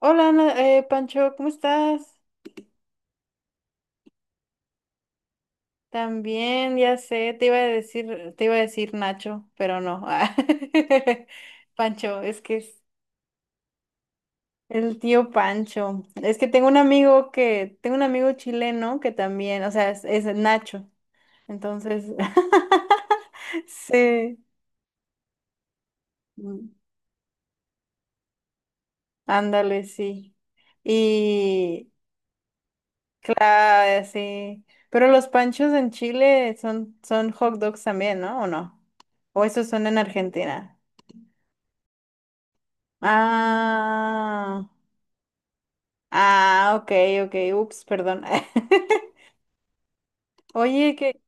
Hola, Pancho, ¿cómo estás? También, ya sé, te iba a decir, te iba a decir Nacho, pero no. ah. Pancho, es que es el tío Pancho. Es que tengo un amigo que, tengo un amigo chileno que también, o sea, es Nacho. Entonces, sí, mm, ándale, sí. Y, claro, sí. Pero los panchos en Chile son hot dogs también, ¿no? ¿O no? ¿O esos son en Argentina? Ah, ah, ok, ok, ups, perdón. Oye, que,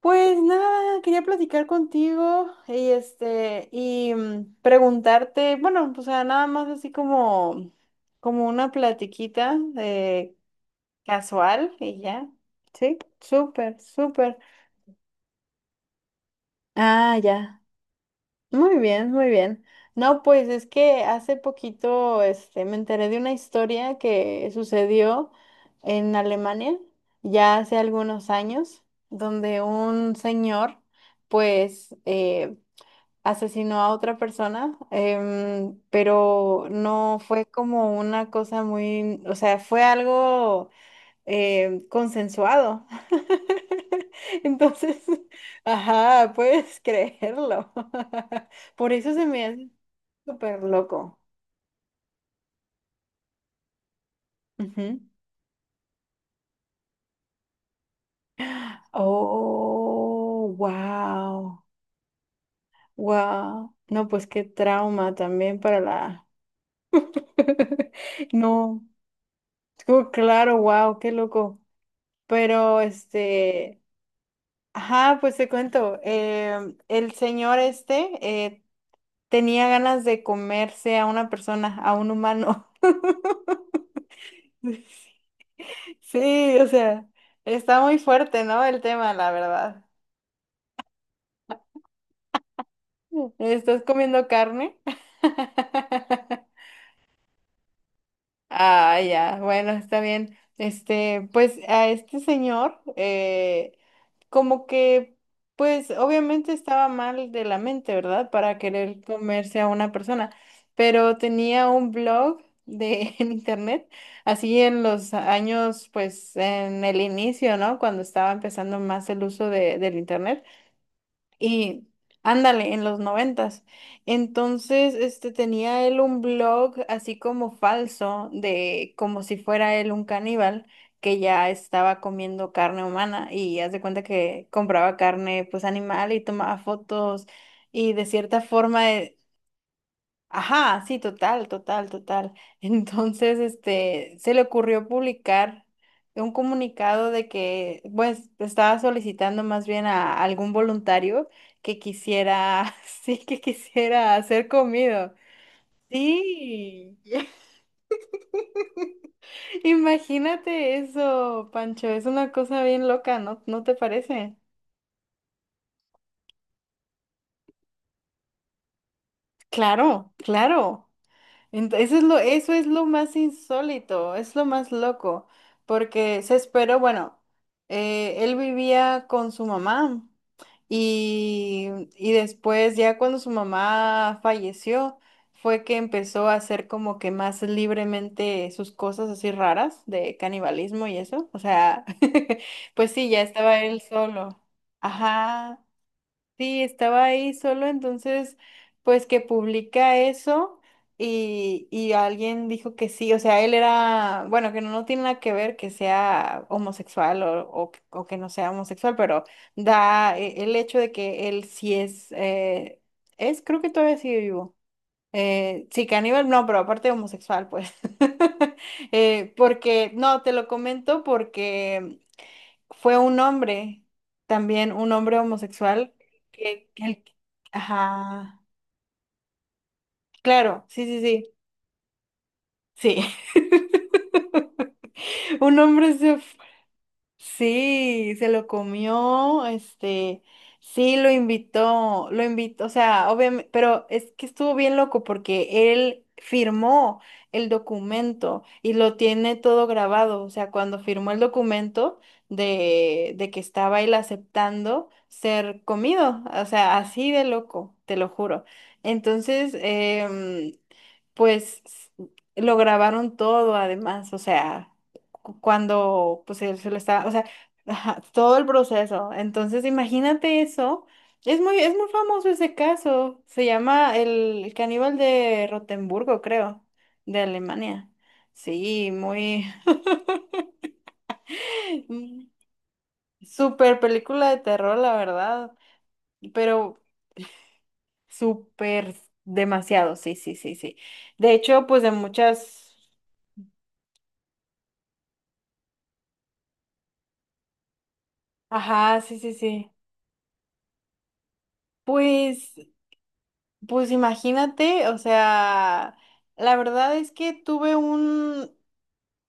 pues nada, quería platicar contigo y este, y preguntarte, bueno, o sea, nada más así como, como una platiquita casual y ya. Sí, súper, súper. Ah, ya. Muy bien, muy bien. No, pues es que hace poquito este, me enteré de una historia que sucedió en Alemania, ya hace algunos años, donde un señor pues asesinó a otra persona, pero no fue como una cosa muy, o sea, fue algo consensuado. Entonces, ajá, puedes creerlo. Por eso se me hace súper loco. Ujú. Oh, wow, wow. No, pues qué trauma también para la... No, oh, claro, wow, qué loco. Pero este, ajá, pues te cuento, el señor este eh, tenía ganas de comerse a una persona, a un humano. Sí, o sea, está muy fuerte, ¿no? El tema, la verdad. ¿Estás comiendo carne? Ah, ya, bueno, está bien. Este, pues a este señor, como que, pues obviamente estaba mal de la mente, ¿verdad? Para querer comerse a una persona, pero tenía un blog de, en internet, así en los años, pues en el inicio, ¿no? Cuando estaba empezando más el uso del internet. Y ándale, en los noventas. Entonces, este tenía él un blog así como falso de como si fuera él un caníbal que ya estaba comiendo carne humana y haz de cuenta que compraba carne pues animal y tomaba fotos y de cierta forma ajá, sí, total, total, total. Entonces, este, se le ocurrió publicar un comunicado de que, pues, estaba solicitando más bien a algún voluntario que quisiera, sí, que quisiera ser comido. Sí, imagínate eso, Pancho, es una cosa bien loca, ¿no? ¿No te parece? Claro, claro. Eso es lo más insólito, es lo más loco, porque se esperó, bueno, él vivía con su mamá y, y después ya cuando su mamá falleció fue que empezó a hacer como que más libremente sus cosas así raras de canibalismo y eso, o sea, pues sí, ya estaba él solo. Ajá. Sí, estaba ahí solo, entonces, pues que publica eso y alguien dijo que sí, o sea, él era, bueno, que no, no tiene nada que ver que sea homosexual o, o que no sea homosexual, pero da el hecho de que él sí es, creo que todavía sigue vivo. Sí, caníbal, no, pero aparte homosexual, pues. Porque, no, te lo comento porque fue un hombre, también un hombre homosexual, que, que el- ajá, claro, sí, sí, sí, sí. Un hombre se sí, se lo comió, este, sí, lo invitó, o sea, obviamente, pero es que estuvo bien loco porque él firmó el documento y lo tiene todo grabado, o sea, cuando firmó el documento de que estaba él aceptando ser comido, o sea, así de loco, te lo juro. Entonces, pues lo grabaron todo además, o sea cuando pues él se lo está, o sea, ajá, todo el proceso. Entonces, imagínate eso. Es muy famoso ese caso. Se llama el caníbal de Rotemburgo, creo, de Alemania. Sí, muy mm, super película de terror, la verdad. Pero súper demasiado, sí, sí, sí, sí. De hecho, pues de muchas. Ajá, sí, sí, sí. Pues pues imagínate, o sea, la verdad es que tuve un,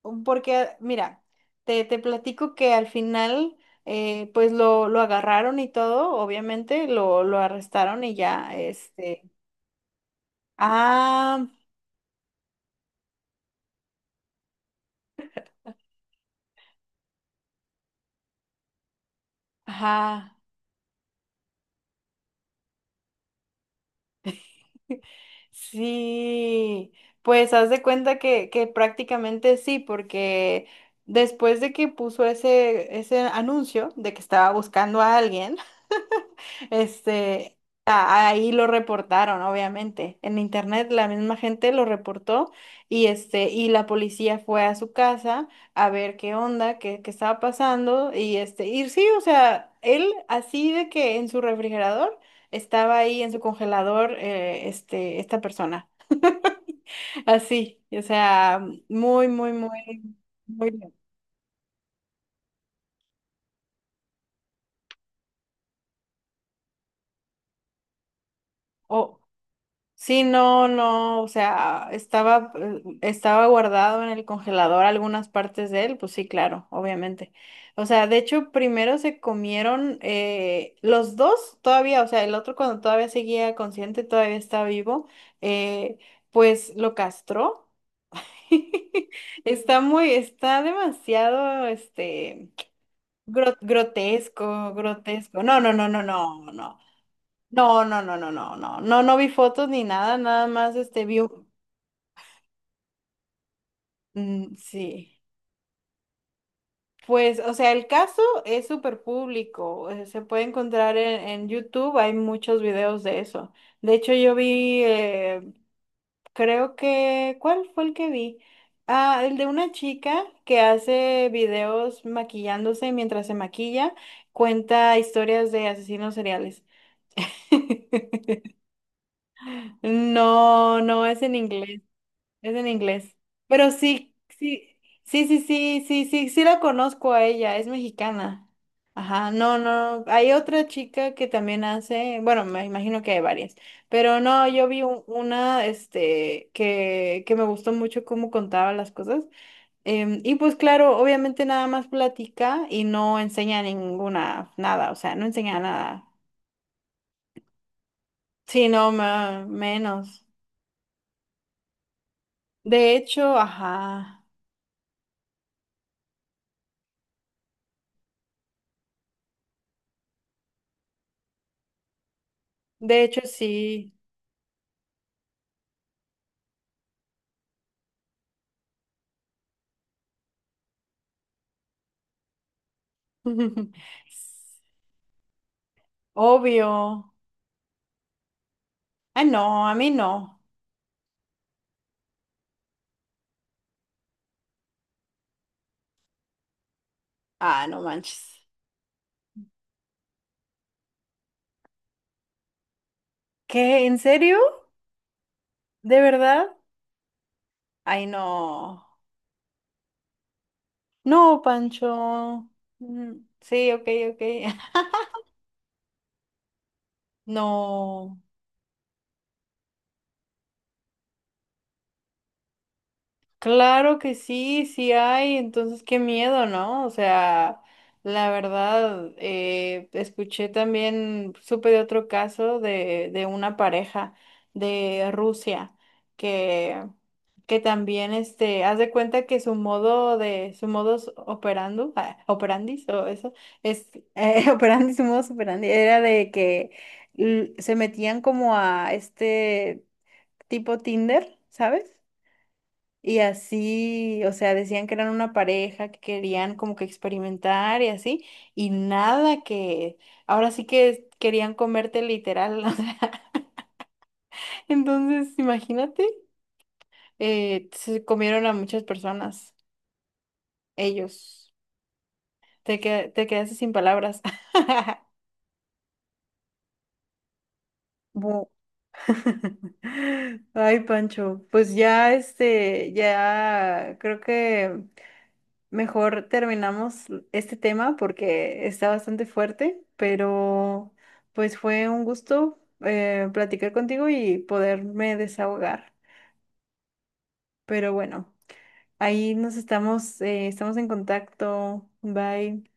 porque mira, te platico que al final, pues lo agarraron y todo, obviamente, lo arrestaron y ya, este, ah, ajá. Sí, pues haz de cuenta que prácticamente sí, porque después de que puso ese, ese anuncio de que estaba buscando a alguien, este, ahí lo reportaron, obviamente. En internet la misma gente lo reportó y este, y la policía fue a su casa a ver qué onda, qué, qué estaba pasando y este, y sí, o sea, él así de que en su refrigerador estaba ahí en su congelador, este, esta persona, así, o sea, muy, muy, muy, muy, bien. Sí, no, no, o sea, estaba, estaba guardado en el congelador algunas partes de él, pues sí, claro, obviamente. O sea, de hecho, primero se comieron los dos todavía, o sea, el otro cuando todavía seguía consciente, todavía está vivo, eh, pues lo castró. Está muy, está demasiado, este, grotesco, grotesco. No, no, no, no, no, no. No, no, no, no, no, no, no, no vi fotos ni nada, nada más este vi un- mm, sí. Pues, o sea, el caso es súper público, se puede encontrar en YouTube, hay muchos videos de eso. De hecho, yo vi, creo que, ¿cuál fue el que vi? Ah, el de una chica que hace videos maquillándose mientras se maquilla, cuenta historias de asesinos seriales. No, no es en inglés. Es en inglés. Pero sí, sí, sí, sí, sí, sí, sí, sí la conozco a ella, es mexicana. Ajá, no, no, hay otra chica que también hace, bueno, me imagino que hay varias, pero no, yo vi un- una, este, que me gustó mucho cómo contaba las cosas. Em, y pues claro, obviamente nada más platica y no enseña ninguna, nada, o sea, no enseña nada. Sí, no, menos. De hecho, ajá, de hecho sí. Obvio. Ah, no, a mí no. Ah, no manches. ¿Qué? ¿En serio? ¿De verdad? Ay, no. No, Pancho. Mm, sí, ok, ok. No. Claro que sí, sí hay. Entonces, qué miedo, ¿no? O sea, la verdad, escuché también, supe de otro caso de una pareja de Rusia que que también este haz de cuenta que su modo de su modus operando ah, operandis o eso es operandi su modus operandi era de que se metían como a este tipo Tinder, ¿sabes? Y así, o sea, decían que eran una pareja que querían como que experimentar y así y nada que ahora sí que querían comerte literal, o sea, entonces imagínate se comieron a muchas personas ellos. Te, te quedaste sin palabras. Bu. Ay, Pancho, pues ya este, ya creo que mejor terminamos este tema porque está bastante fuerte, pero pues fue un gusto platicar contigo y poderme desahogar. Pero bueno, ahí nos estamos, estamos en contacto. Bye.